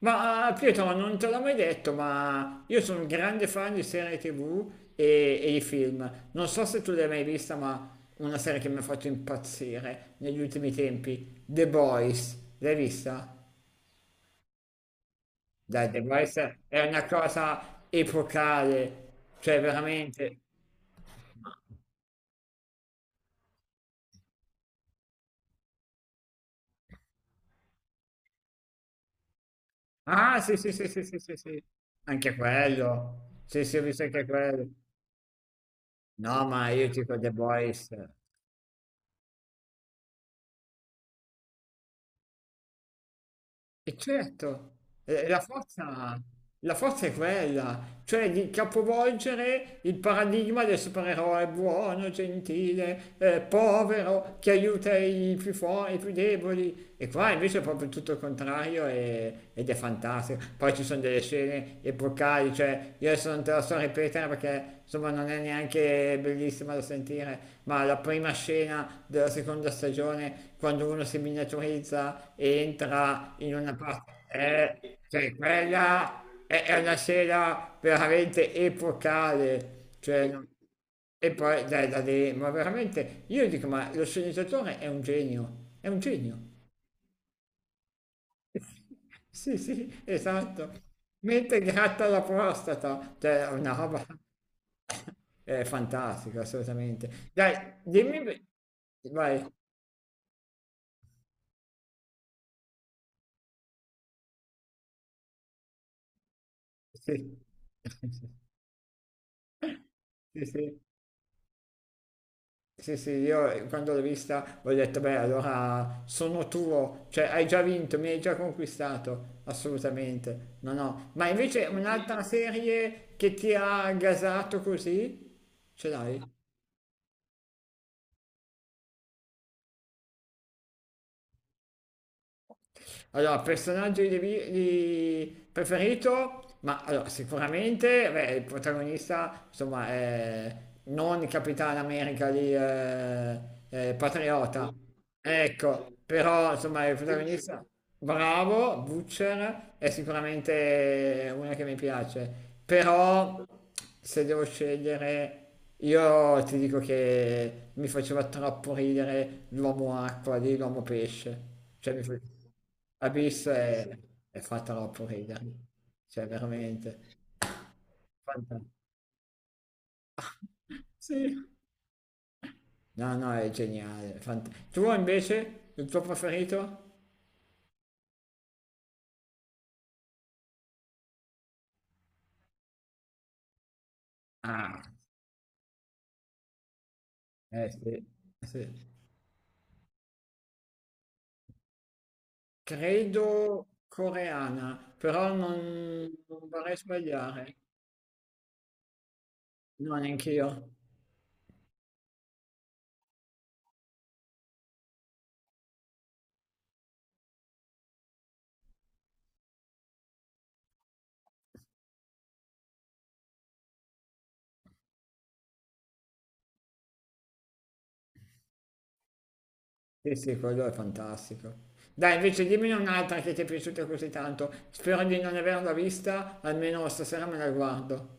Pietro, ma non te l'ho mai detto, ma io sono un grande fan di serie TV e di film. Non so se tu l'hai mai vista, ma una serie che mi ha fatto impazzire negli ultimi tempi, The Boys. L'hai vista? Dai, The Boys è una cosa epocale, cioè veramente. Ah, sì, sì, sì, sì, sì, sì, sì. Anche quello. Sì, sì, ho visto anche quello. No, ma io dico The Boys. E certo, eh, la forza, la forza è quella, cioè di capovolgere il paradigma del supereroe buono, gentile, povero, che aiuta i più forti, i più deboli. E qua invece è proprio tutto il contrario ed è fantastico. Poi ci sono delle scene epocali, cioè io adesso non te la so ripetere perché insomma non è neanche bellissima da sentire, ma la prima scena della seconda stagione, quando uno si miniaturizza e entra in una parte, è, cioè, quella è una scena veramente epocale. E poi, dai, da lì, ma veramente, io dico, ma lo sceneggiatore è un genio, è un genio. Sì, sì, esatto. Mentre gratta la prostata, cioè, è una roba fantastica, assolutamente. Dai, dimmi, vai. Sì, sì, sì, sì, sì, io quando l'ho vista ho detto, beh, allora sono tuo, cioè hai già vinto, mi hai già conquistato, assolutamente, no, no. Ma invece un'altra serie che ti ha gasato così, ce l'hai? Allora, personaggio preferito, ma allora, sicuramente beh, il protagonista, insomma, è non Capitan America di Patriota. Ecco, però insomma il protagonista bravo, Butcher è sicuramente una che mi piace, però se devo scegliere io ti dico che mi faceva troppo ridere l'uomo acqua di l'uomo pesce, cioè mi fa- Abyss è fa troppo ridere, cioè veramente. Fanta- Sì. No, no, è geniale. Tu invece, il tuo preferito? Ah, eh sì, sì. Credo coreana, però non, non vorrei sbagliare. No, neanch'io. Sì, sì, quello è fantastico. Dai, invece dimmi un'altra che ti è piaciuta così tanto. Spero di non averla vista, almeno stasera me la guardo.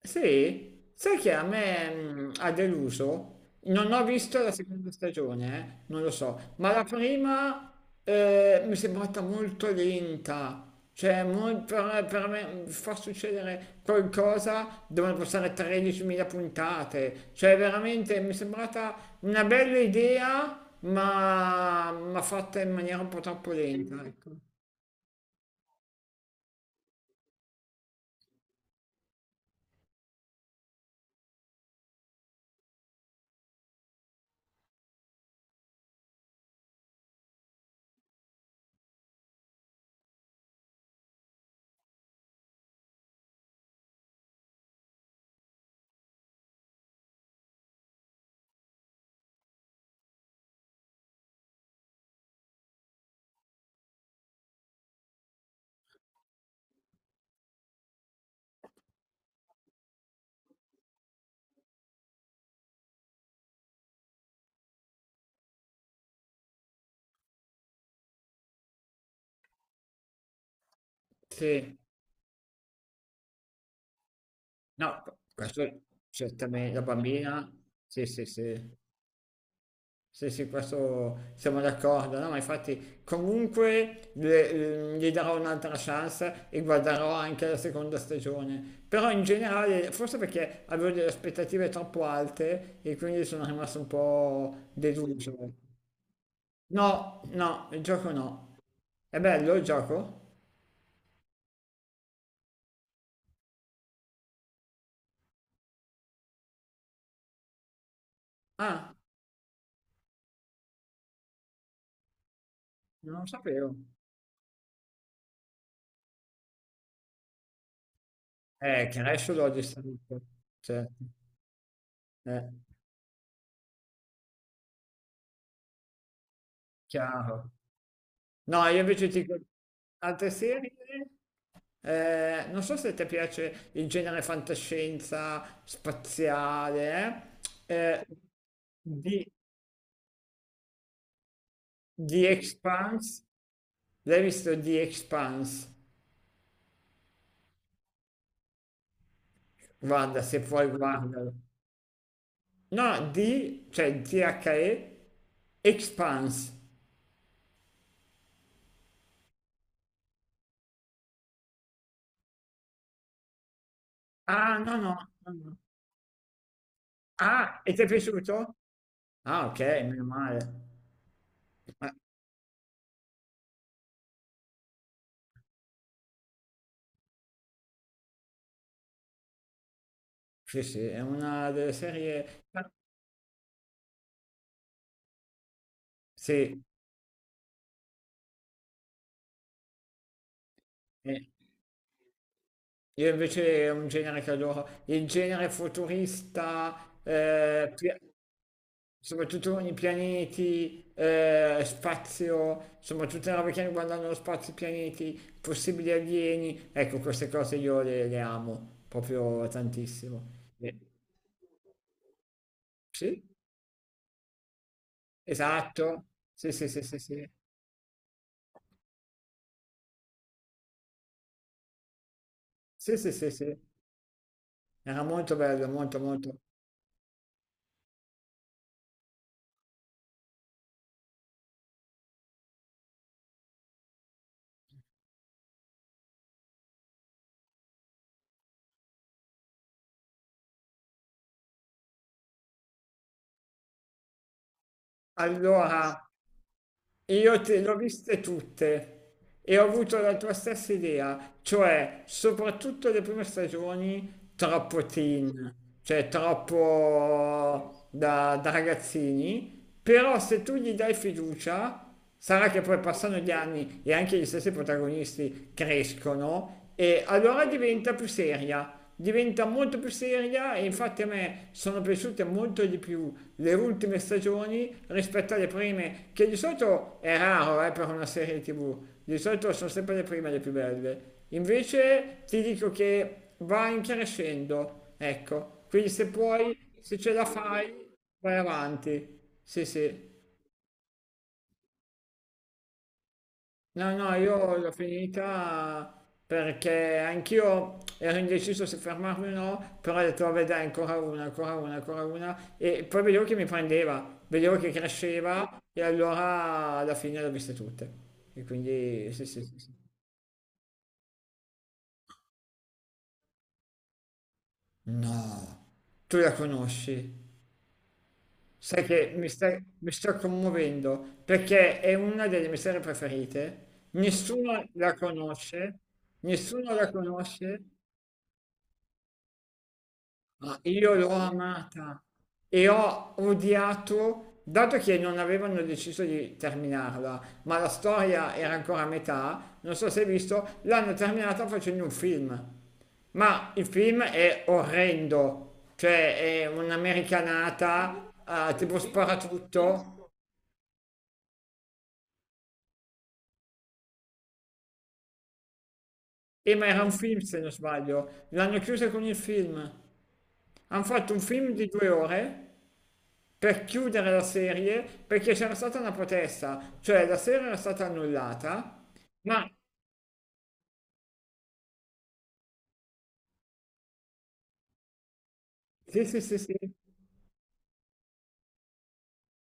Sì, sai che a me ha deluso? Non ho visto la seconda stagione, non lo so, ma la prima mi è sembrata molto lenta. Cioè, per me far succedere qualcosa devono passare 13.000 puntate. Cioè, veramente mi è sembrata una bella idea, ma fatta in maniera un po' troppo lenta. Ecco. Sì, no, questo certamente la bambina. Sì, sì, sì. Sì, sì, questo siamo d'accordo, no? Ma infatti comunque gli darò un'altra chance e guarderò anche la seconda stagione. Però in generale, forse perché avevo delle aspettative troppo alte e quindi sono rimasto un po' deluso. No, no, il gioco no. È bello il gioco? Ah, non lo sapevo. Crash l'ho distrutto, certo. Eh, chiaro. No, io invece ti dico altre serie. Non so se ti piace il genere fantascienza spaziale, eh? Eh, di The Expanse. L'hai visto The Expanse? Guarda, se puoi guardalo. No, di, cioè The Expanse. Ah, no, no. No, no. Ah, e ti è piaciuto? Ah, ok, meno male. Ah, sì, sì, è una delle serie... Sì. Eh. Io invece è un genere che adoro, il genere futurista, eh, pia- soprattutto con i pianeti, spazio, insomma tutte le robe che riguardano lo spazio, i pianeti, possibili alieni, ecco queste cose io le amo proprio tantissimo. Eh, Sì, esatto, sì sì sì sì sì, sì sì sì sì, era molto bello, molto molto. Allora... Io te le ho viste tutte e ho avuto la tua stessa idea, cioè soprattutto le prime stagioni troppo teen, cioè troppo da, da ragazzini, però se tu gli dai fiducia. Sarà che poi passano gli anni e anche gli stessi protagonisti crescono e allora diventa più seria, diventa molto più seria e infatti a me sono piaciute molto di più le ultime stagioni rispetto alle prime, che di solito è raro per una serie TV, di solito sono sempre le prime le più belle. Invece ti dico che va in crescendo, ecco, quindi se puoi, se ce la fai, vai avanti. Sì, sì. No, no, io l'ho finita perché anch'io ero indeciso se fermarmi o no, però ho detto, vabbè, dai, ancora una, ancora una, ancora una. E poi vedevo che mi prendeva, vedevo che cresceva e allora alla fine le ho viste tutte. E quindi, sì, sì, sì. Sì. No, tu la conosci. Sai che mi sto commuovendo perché è una delle mie serie preferite. Nessuno la conosce, nessuno la conosce. Ma io l'ho amata e ho odiato, dato che non avevano deciso di terminarla, ma la storia era ancora a metà, non so se hai visto, l'hanno terminata facendo un film. Ma il film è orrendo, cioè è un'americanata, ah, tipo sparatutto, e ma era un film se non sbaglio, l'hanno chiusa con il film. Hanno fatto un film di 2 ore per chiudere la serie perché c'era stata una protesta, cioè la serie era stata annullata, ma sì, sì, sì, sì,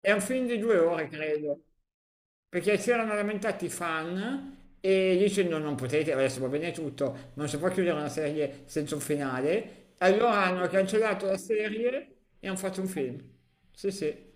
è un film di due ore, credo, perché si erano lamentati i fan e dicendo non potete, adesso va bene tutto, ma non si può chiudere una serie senza un finale, allora hanno cancellato la serie e hanno fatto un film. Sì, sì.